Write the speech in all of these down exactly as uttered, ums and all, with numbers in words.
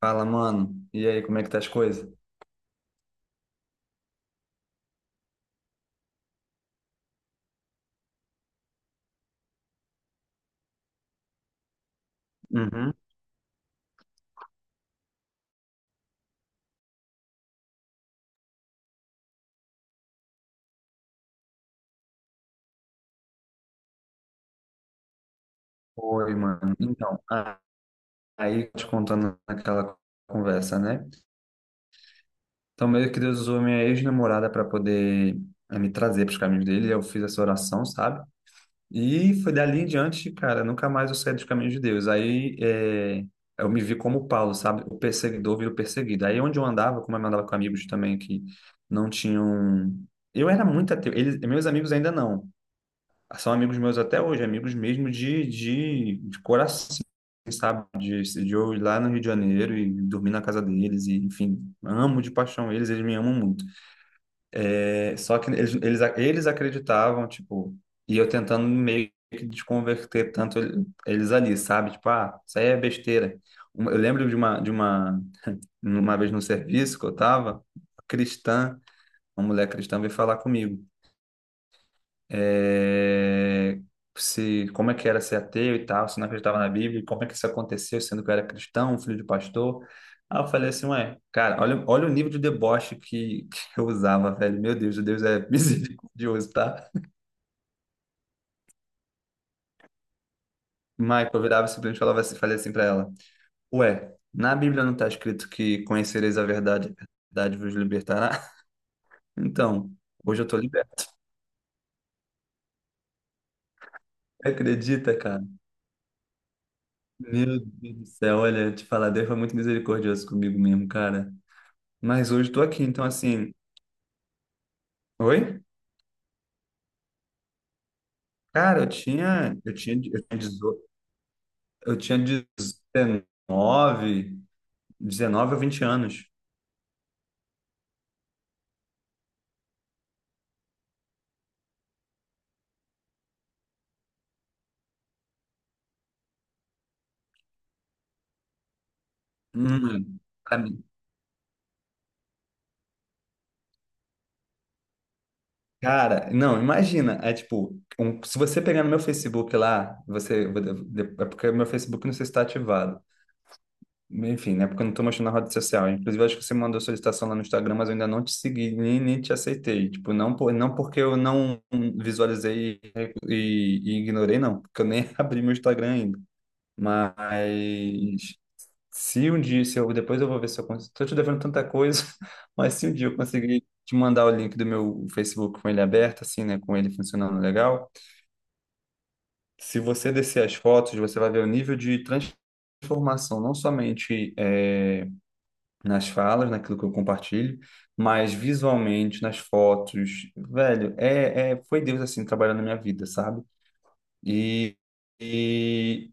Fala, mano. E aí, como é que tá as coisas? Uhum. Oi, mano. Então, a- aí te contando aquela conversa, né? Então, meio que Deus usou minha ex-namorada para poder eh, me trazer para os caminhos dele. Eu fiz essa oração, sabe? E foi dali em diante, cara, nunca mais eu saí dos caminhos de Deus. Aí eh, eu me vi como Paulo, sabe? O perseguidor vira o perseguido. Aí onde eu andava, como eu andava com amigos também que não tinham. Eu era muito ateu. Eles, meus amigos ainda não são amigos meus até hoje, amigos mesmo de, de, de coração, sabe? De, de eu ir lá no Rio de Janeiro e dormir na casa deles, e enfim, amo de paixão eles, eles me amam muito. É, só que eles, eles, eles acreditavam, tipo, e eu tentando meio que desconverter tanto eles ali, sabe? Tipo, ah, isso aí é besteira. Uma- Eu lembro de uma, de uma, uma vez no serviço que eu tava, cristã, uma mulher cristã veio falar comigo, é, se como é que era ser ateu e tal, se não acreditava na Bíblia, e como é que isso aconteceu, sendo que eu era cristão, filho de pastor. Aí eu falei assim, ué, cara, olha, olha o nível de deboche que, que eu usava, velho. Meu Deus, Deus é misericordioso, tá? Michael, eu virava e simplesmente falava assim, falei assim pra ela, ué, na Bíblia não tá escrito que conhecereis a verdade, a verdade vos libertará? Então, hoje eu tô liberto. Acredita, cara? Meu Deus do céu, olha, te falar, Deus foi muito misericordioso comigo mesmo, cara. Mas hoje tô aqui, então assim, oi? Cara, eu tinha, eu tinha, eu tinha, dezo- eu tinha dezenove dezenove ou vinte anos. Hum, pra mim. Cara, não, imagina, é tipo, um- se você pegar no meu Facebook lá, você, é porque o meu Facebook não sei se está ativado. Enfim, né? Porque eu não tô mostrando na rede social. Inclusive, eu acho que você mandou solicitação lá no Instagram, mas eu ainda não te segui, nem, nem te aceitei. Tipo, não, por, não porque eu não visualizei e, e ignorei, não. Porque eu nem abri meu Instagram ainda. Mas se um dia, se eu, depois eu vou ver se eu consigo. Tô te devendo tanta coisa, mas se um dia eu conseguir te mandar o link do meu Facebook com ele aberto, assim, né? Com ele funcionando legal. Se você descer as fotos, você vai ver o nível de transformação, não somente, é, nas falas, naquilo que eu compartilho, mas visualmente, nas fotos, velho, é, é, foi Deus assim trabalhando na minha vida, sabe? E, e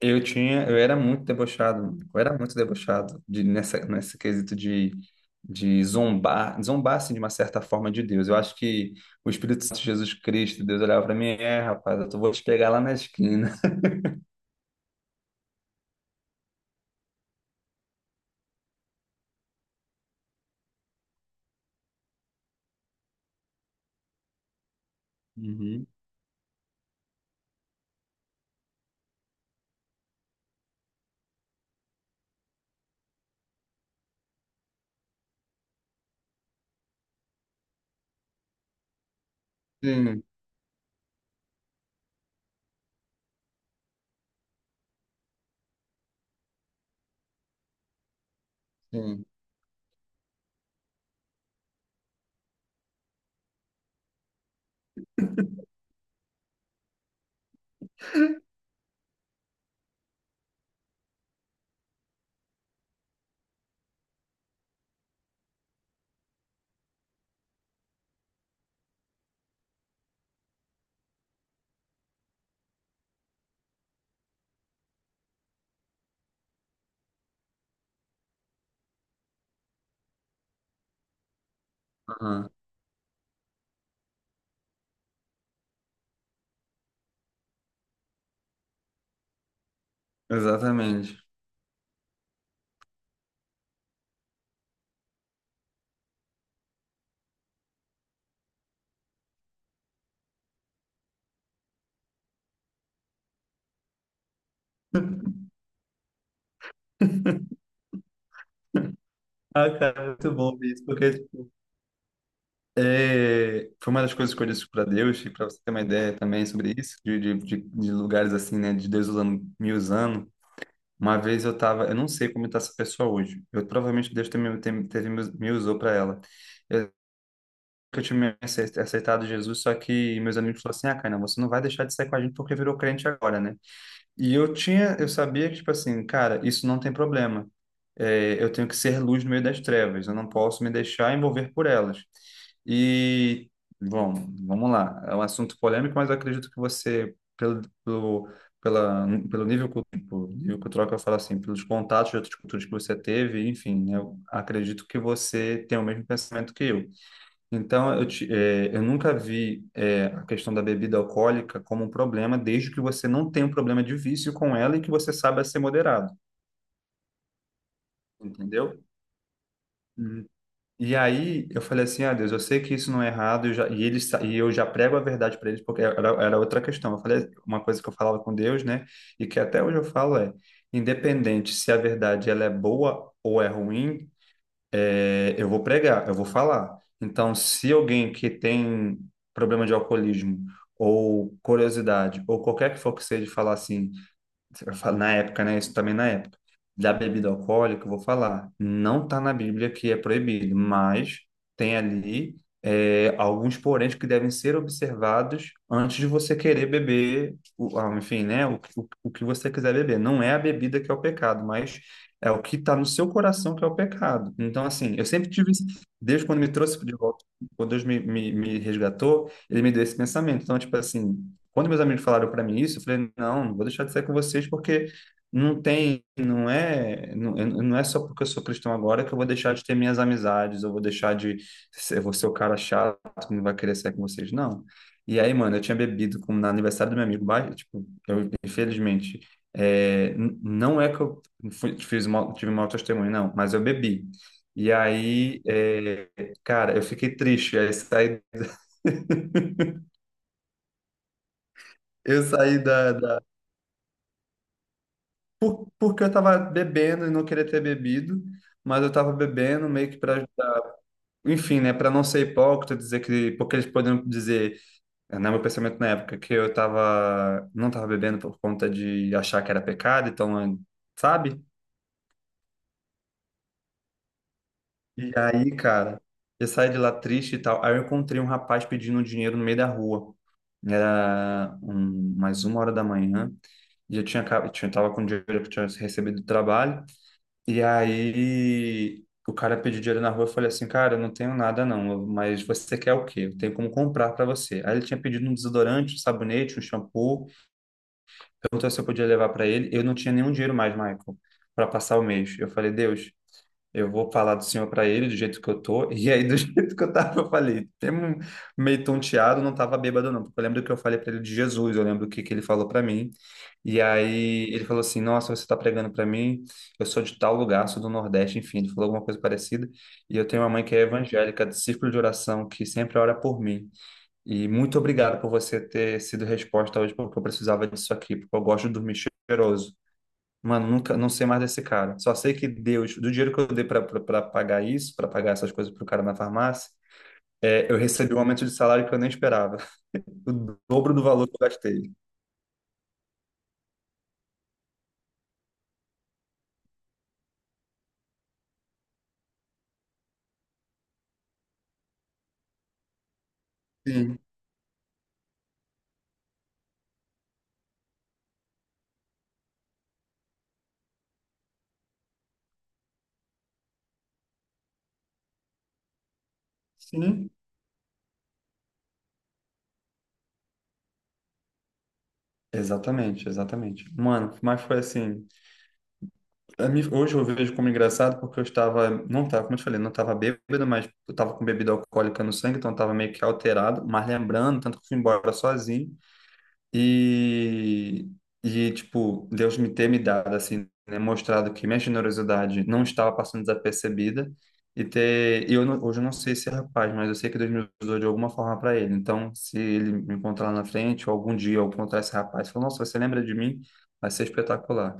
eu tinha, eu era muito debochado, eu era muito debochado de, nessa, nesse quesito de, de zombar, zombar assim de uma certa forma de Deus. Eu acho que o Espírito Santo, Jesus Cristo, Deus olhava para mim, é, rapaz, eu tô- vou te pegar lá na esquina. Uhum. Sim, sim, aham, exatamente. Ah, cara, muito bom ver isso, porque é, foi uma das coisas que eu disse para Deus, e para você ter uma ideia também sobre isso, de, de, de, de lugares assim, né, de Deus usando, me usando. Uma vez eu tava, eu não sei como está essa pessoa hoje. Eu provavelmente Deus também teve, teve, me me usou para ela. Eu, eu tinha me ace- aceitado Jesus, só que meus amigos falaram assim: Ah, Caína, você não vai deixar de sair com a gente porque virou crente agora, né? E eu tinha, eu sabia que, tipo assim, cara, isso não tem problema. É, eu tenho que ser luz no meio das trevas, eu não posso me deixar envolver por elas. E, bom, vamos lá. É um assunto polêmico, mas eu acredito que você, pelo, pelo, pela, pelo nível, cul- tipo, nível cultural que eu falo assim, pelos contatos de outras culturas que você teve, enfim, eu acredito que você tem o mesmo pensamento que eu. Então, eu, te- eh, eu nunca vi, eh, a questão da bebida alcoólica como um problema, desde que você não tenha um problema de vício com ela e que você saiba ser moderado, entendeu? Uhum. E aí eu falei assim, ah, Deus, eu sei que isso não é errado, eu já- e, eles, sa- e eu já prego a verdade para eles, porque era, era outra questão. Eu falei uma coisa que eu falava com Deus, né? E que até hoje eu falo é, independente se a verdade ela é boa ou é ruim, é, eu vou pregar, eu vou falar. Então, se alguém que tem problema de alcoolismo ou curiosidade ou qualquer que for que seja falar assim, você vai falar na época, né? Isso também na época. Da bebida alcoólica, eu vou falar. Não está na Bíblia que é proibido, mas tem ali, é, alguns poréns que devem ser observados antes de você querer beber, o, ah, enfim, né? O, o, o que você quiser beber. Não é a bebida que é o pecado, mas é o que está no seu coração que é o pecado. Então, assim, eu sempre tive esse- desde quando me trouxe de volta, quando Deus me, me, me resgatou, ele me deu esse pensamento. Então, tipo assim. Quando meus amigos falaram para mim isso, eu falei, não, não vou deixar de sair com vocês porque não tem, não é, não, não é só porque eu sou cristão agora que eu vou deixar de ter minhas amizades, eu vou deixar de ser, eu vou ser o cara chato que não vai querer sair com vocês, não. E aí, mano, eu tinha bebido com, no aniversário do meu amigo, ba- tipo, eu, infelizmente, é, n- não é que eu fui, fiz mal, tive mau testemunho, não, mas eu bebi. E aí, é, cara, eu fiquei triste, aí saí. eu saí da, da- por, Porque eu tava bebendo e não queria ter bebido, mas eu tava bebendo meio que para, enfim, né, para não ser hipócrita, dizer que, porque eles poderiam dizer, é, né, meu pensamento na época que eu tava não tava bebendo por conta de achar que era pecado, então, sabe? E aí, cara, eu saí de lá triste e tal. Aí eu encontrei um rapaz pedindo dinheiro no meio da rua. Era um, mais uma hora da manhã. E eu tinha, acab- tinha, tava com o dinheiro que eu tinha recebido do trabalho. E aí o cara pediu dinheiro na rua, eu falei assim, cara, eu não tenho nada, não, mas você quer o quê? Eu tenho como comprar para você. Aí ele tinha pedido um desodorante, um sabonete, um shampoo, perguntou se eu podia levar para ele. Eu não tinha nenhum dinheiro mais, Michael, para passar o mês. Eu falei, Deus, eu vou falar do Senhor para ele do jeito que eu tô. E aí, do jeito que eu tava, eu falei, tem um, meio tonteado, não tava bêbado, não. Porque eu lembro que eu falei para ele de Jesus, eu lembro o que, que ele falou para mim. E aí ele falou assim: Nossa, você tá pregando para mim, eu sou de tal lugar, sou do Nordeste, enfim, ele falou alguma coisa parecida. E eu tenho uma mãe que é evangélica, do círculo de oração, que sempre ora por mim. E muito obrigado por você ter sido resposta hoje, porque eu precisava disso aqui, porque eu gosto de dormir cheiroso. Mano, nunca, não sei mais desse cara. Só sei que Deus, do dinheiro que eu dei pra pra- pra pagar isso, pra pagar essas coisas pro cara na farmácia, é, eu recebi um aumento de salário que eu nem esperava. O dobro do valor que eu gastei. Sim, sim. Exatamente, exatamente. Mano, mas foi assim. a mim- Hoje eu vejo como engraçado porque eu estava, não estava, como eu te falei, não estava bêbado, mas eu estava com bebida alcoólica no sangue, então eu estava meio que alterado. Mas lembrando, tanto que eu fui embora sozinho. E, e, tipo, Deus me ter me dado, assim, né, mostrado que minha generosidade não estava passando desapercebida e ter, e eu não, hoje eu não sei se é rapaz, mas eu sei que Deus me usou de alguma forma para ele. Então, se ele me encontrar lá na frente, ou algum dia eu encontrar esse rapaz, e falar, nossa, você lembra de mim? Vai ser espetacular.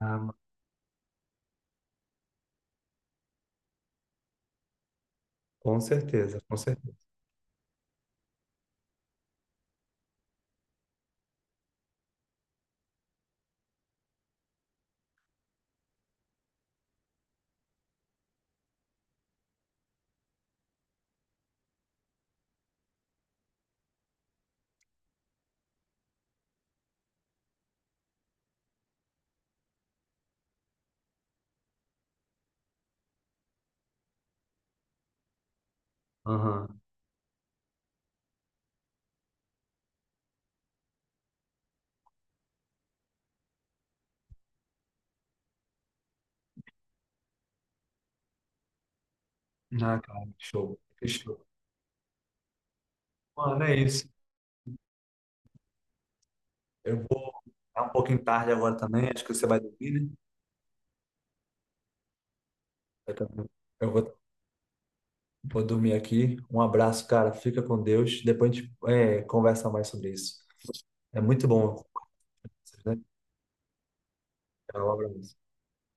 Ah, mano, com certeza, com certeza. Aham. Ah, cara, que show, que show. Mano, é isso. Eu vou ficar um pouquinho tarde agora também, acho que você vai dormir, né? Eu também. Eu vou Vou dormir aqui. Um abraço, cara. Fica com Deus. Depois a gente, é, conversa mais sobre isso. É muito bom, né? Um abraço.